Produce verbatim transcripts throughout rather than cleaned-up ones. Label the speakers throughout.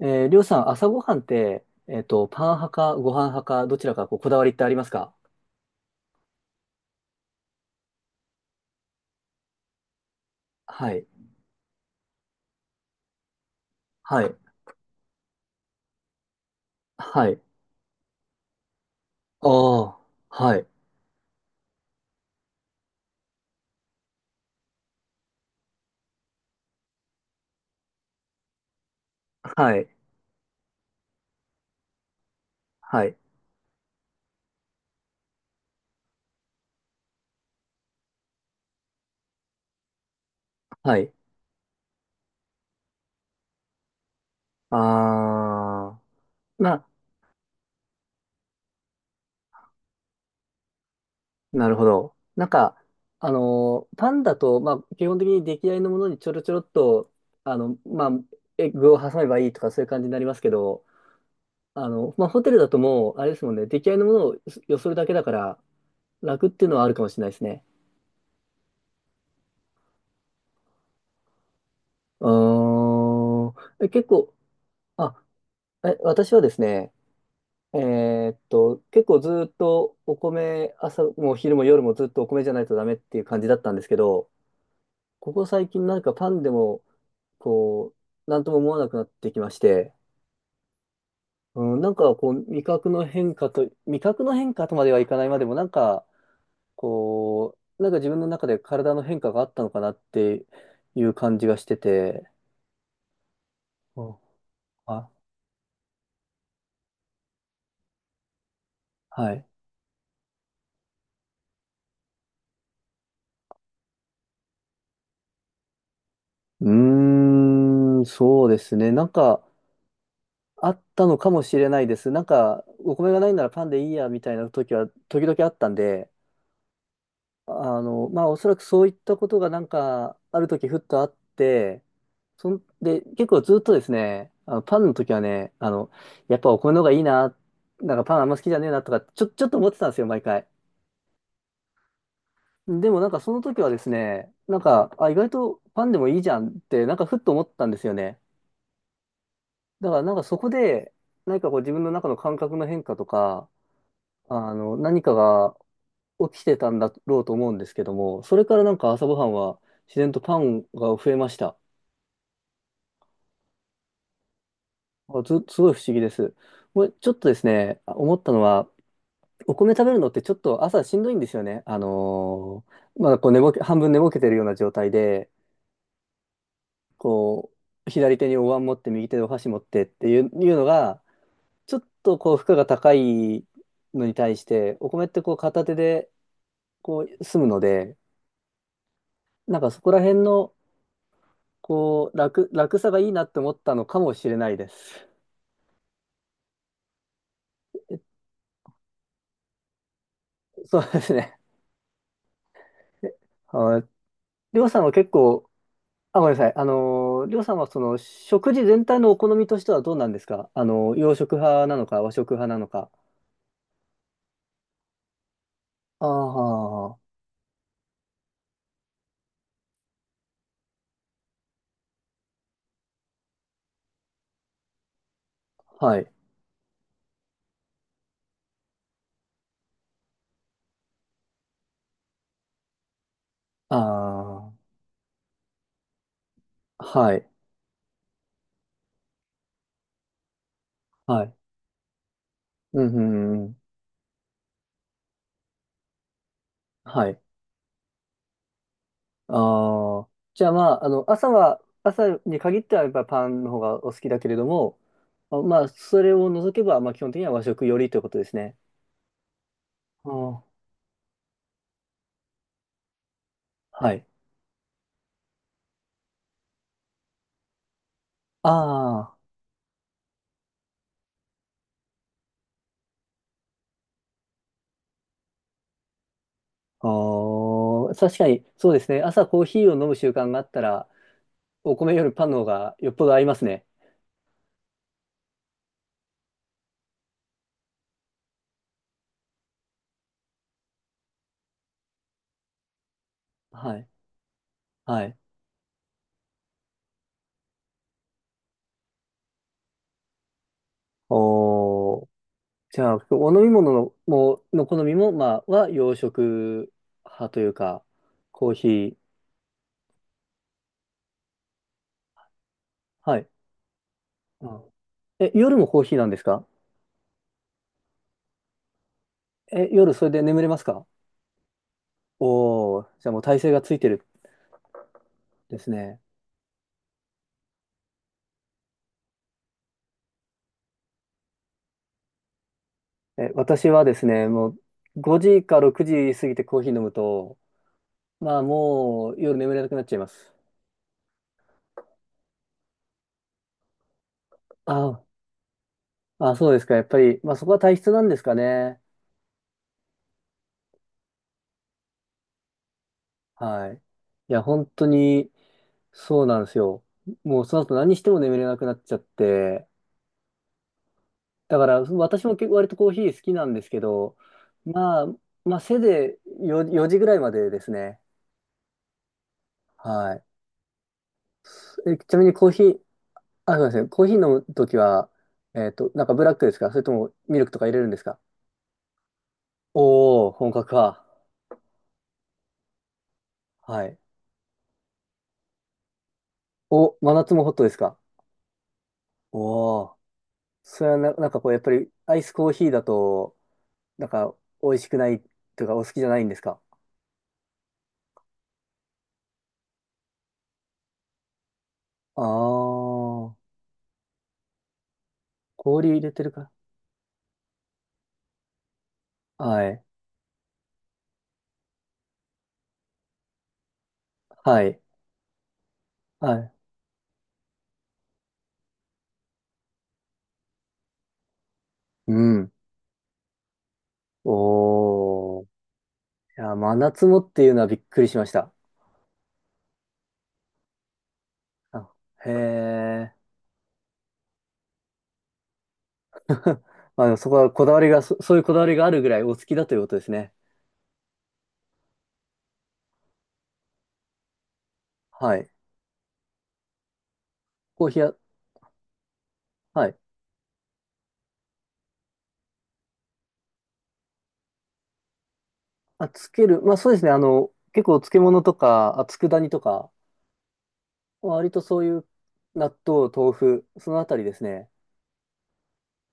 Speaker 1: えー、りょうさん、朝ごはんって、えっと、パン派かご飯派か、どちらかこうこだわりってありますか？はい。はい。はい。ああ。はい。はい。はい。はい。ああ。まあ、なるほど。なんか、あのーパンだと、まあ、基本的に出来合いのものにちょろちょろっと、あの、まあ、エッグを挟めばいいとか、そういう感じになりますけど、あの、まあ、ホテルだともう、あれですもんね、出来合いのものをよそるだけだから、楽っていうのはあるかもしれないですね。うーん。え、結構、あ、え、私はですね、えーっと、結構ずーっとお米、朝も昼も夜もずっとお米じゃないとダメっていう感じだったんですけど、ここ最近なんかパンでも、こう、なんとも思わなくなってきまして、うん、なんかこう、味覚の変化と、味覚の変化とまではいかないまでも、なんか、こう、なんか自分の中で体の変化があったのかなっていう感じがしてて、うん、あ、はい。うーん、そうですね。なんか、あったのかもしれないです。なんか、お米がないならパンでいいや、みたいな時は、時々あったんで、あの、まあ、おそらくそういったことがなんか、ある時ふっとあって、そんで、結構ずっとですね、あのパンの時はね、あの、やっぱお米の方がいいな、なんかパンあんま好きじゃねえなとか、ちょ、ちょっと思ってたんですよ、毎回。でもなんかその時はですね、なんか、あ、意外とパンでもいいじゃんって、なんかふっと思ったんですよね。だからなんかそこで、何かこう自分の中の感覚の変化とか、あの、何かが起きてたんだろうと思うんですけども、それからなんか朝ごはんは自然とパンが増えました。あず、すごい不思議です。これちょっとですね、思ったのは、お米食べるのってちょっと朝しんどいんですよね。あのーまだこう寝ぼけ、半分寝ぼけてるような状態で、こう、左手にお椀持って右手でお箸持ってっていう、いうのが、ちょっとこう負荷が高いのに対して、お米ってこう片手でこう済むので、なんかそこら辺のこう楽、楽さがいいなって思ったのかもしれないです。そうですね。はい。りょうさんは結構、あ、ごめんなさい。あのー、りょうさんはその食事全体のお好みとしてはどうなんですか？あの、洋食派なのか和食派なのか？ああ、はい。ああ、はい。はい。うん、うん、うん。はい。ああ、じゃあまあ、あの、朝は、朝に限ってはやっぱパンの方がお好きだけれども、あまあ、それを除けば、まあ、基本的には和食よりということですね。あーはい。ああ、あー確かに、そうですね。朝コーヒーを飲む習慣があったら、お米よりパンの方がよっぽど合いますね。はい。はい。おー、じゃあ、お飲み物の、もう、の好みも、まあ、は洋食派というか、コーヒー。はい。うん。え、夜もコーヒーなんですか？え、夜それで眠れますか？おー、じゃあもう体勢がついてるですね。え、私はですね、もうごじかろくじ過ぎてコーヒー飲むと、まあもう夜眠れなくなっちゃいます。ああ、そうですか。やっぱり、まあそこは体質なんですかね。はい。いや、本当にそうなんですよ。もうその後何しても眠れなくなっちゃって。だから私も結構割とコーヒー好きなんですけど、まあ、まあせいぜいよ時ぐらいまでですね。はい。え、ちなみにコーヒー、あ、そうですね。コーヒー飲むときは、えっと、なんかブラックですか？それともミルクとか入れるんですか？おー、本格か。はい。お、真夏もホットですか？おー。それはな、なんかこう、やっぱりアイスコーヒーだと、なんか美味しくないというか、お好きじゃないんですか？あー、氷入れてるか。はい。はい。はい。うん。おー。いや、真夏もっていうのはびっくりしました。あ、へー。まあ、でもそこはこだわりがそ、そういうこだわりがあるぐらいお好きだということですね。はい。コーヒーは、はい。あ、つける。まあそうですね。あの、結構漬物とか、あ、佃煮とか、割とそういう納豆、豆腐、そのあたりですね。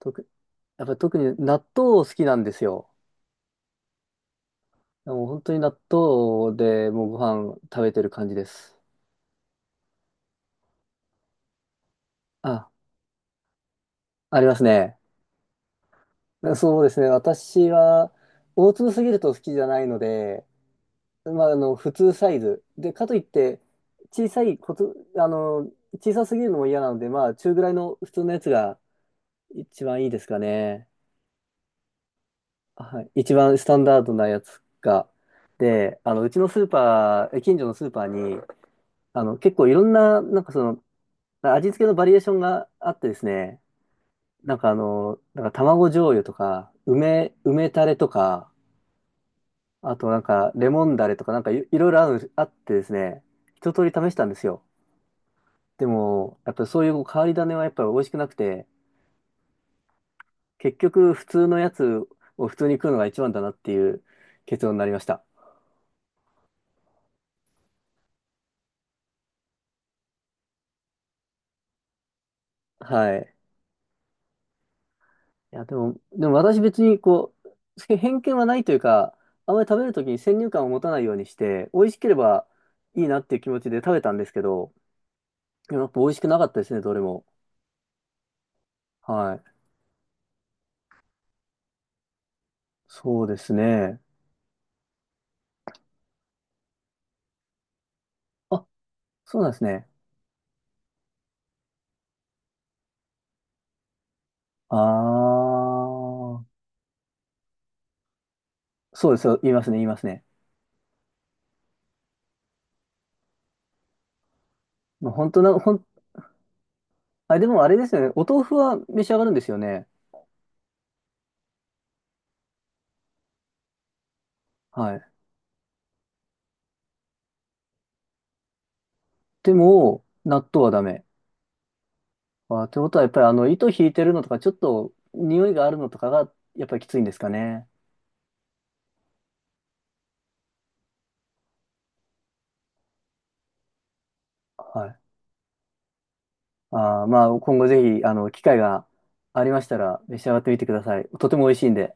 Speaker 1: 特、やっぱり特に納豆好きなんですよ。もう本当に納豆でもうご飯食べてる感じです。あ、ありますね。そうですね。私は、大粒すぎると好きじゃないので、まあ、あの、普通サイズ。で、かといって、小さいこと、あの、小さすぎるのも嫌なので、まあ、中ぐらいの普通のやつが一番いいですかね。はい。一番スタンダードなやつが。で、あの、うちのスーパー、え近所のスーパーに、あの、結構いろんな、なんかその、味付けのバリエーションがあってですね、なんかあの、なんか卵醤油とか、梅、梅タレとか、あとなんかレモンダレとか、なんかい、いろいろある、あってですね、一通り試したんですよ。でも、やっぱそういう変わり種はやっぱり美味しくなくて、結局普通のやつを普通に食うのが一番だなっていう結論になりました。はい。いや、でも、でも私別にこう、偏見はないというか、あまり食べるときに先入観を持たないようにして、美味しければいいなっていう気持ちで食べたんですけど、でもやっぱ美味しくなかったですね、どれも。はい。そうですね。あ、そうなんですね。あー。そうですよ。言いますね、言いますね。もう本当な、ほん。あ、でもあれですよね。お豆腐は召し上がるんですよね。はい。でも、納豆はダメ。あ、ってことは、やっぱりあの、糸引いてるのとか、ちょっと匂いがあるのとかが、やっぱりきついんですかね。はい。あー、まあ、今後ぜひ、あの、機会がありましたら、召し上がってみてください。とても美味しいんで。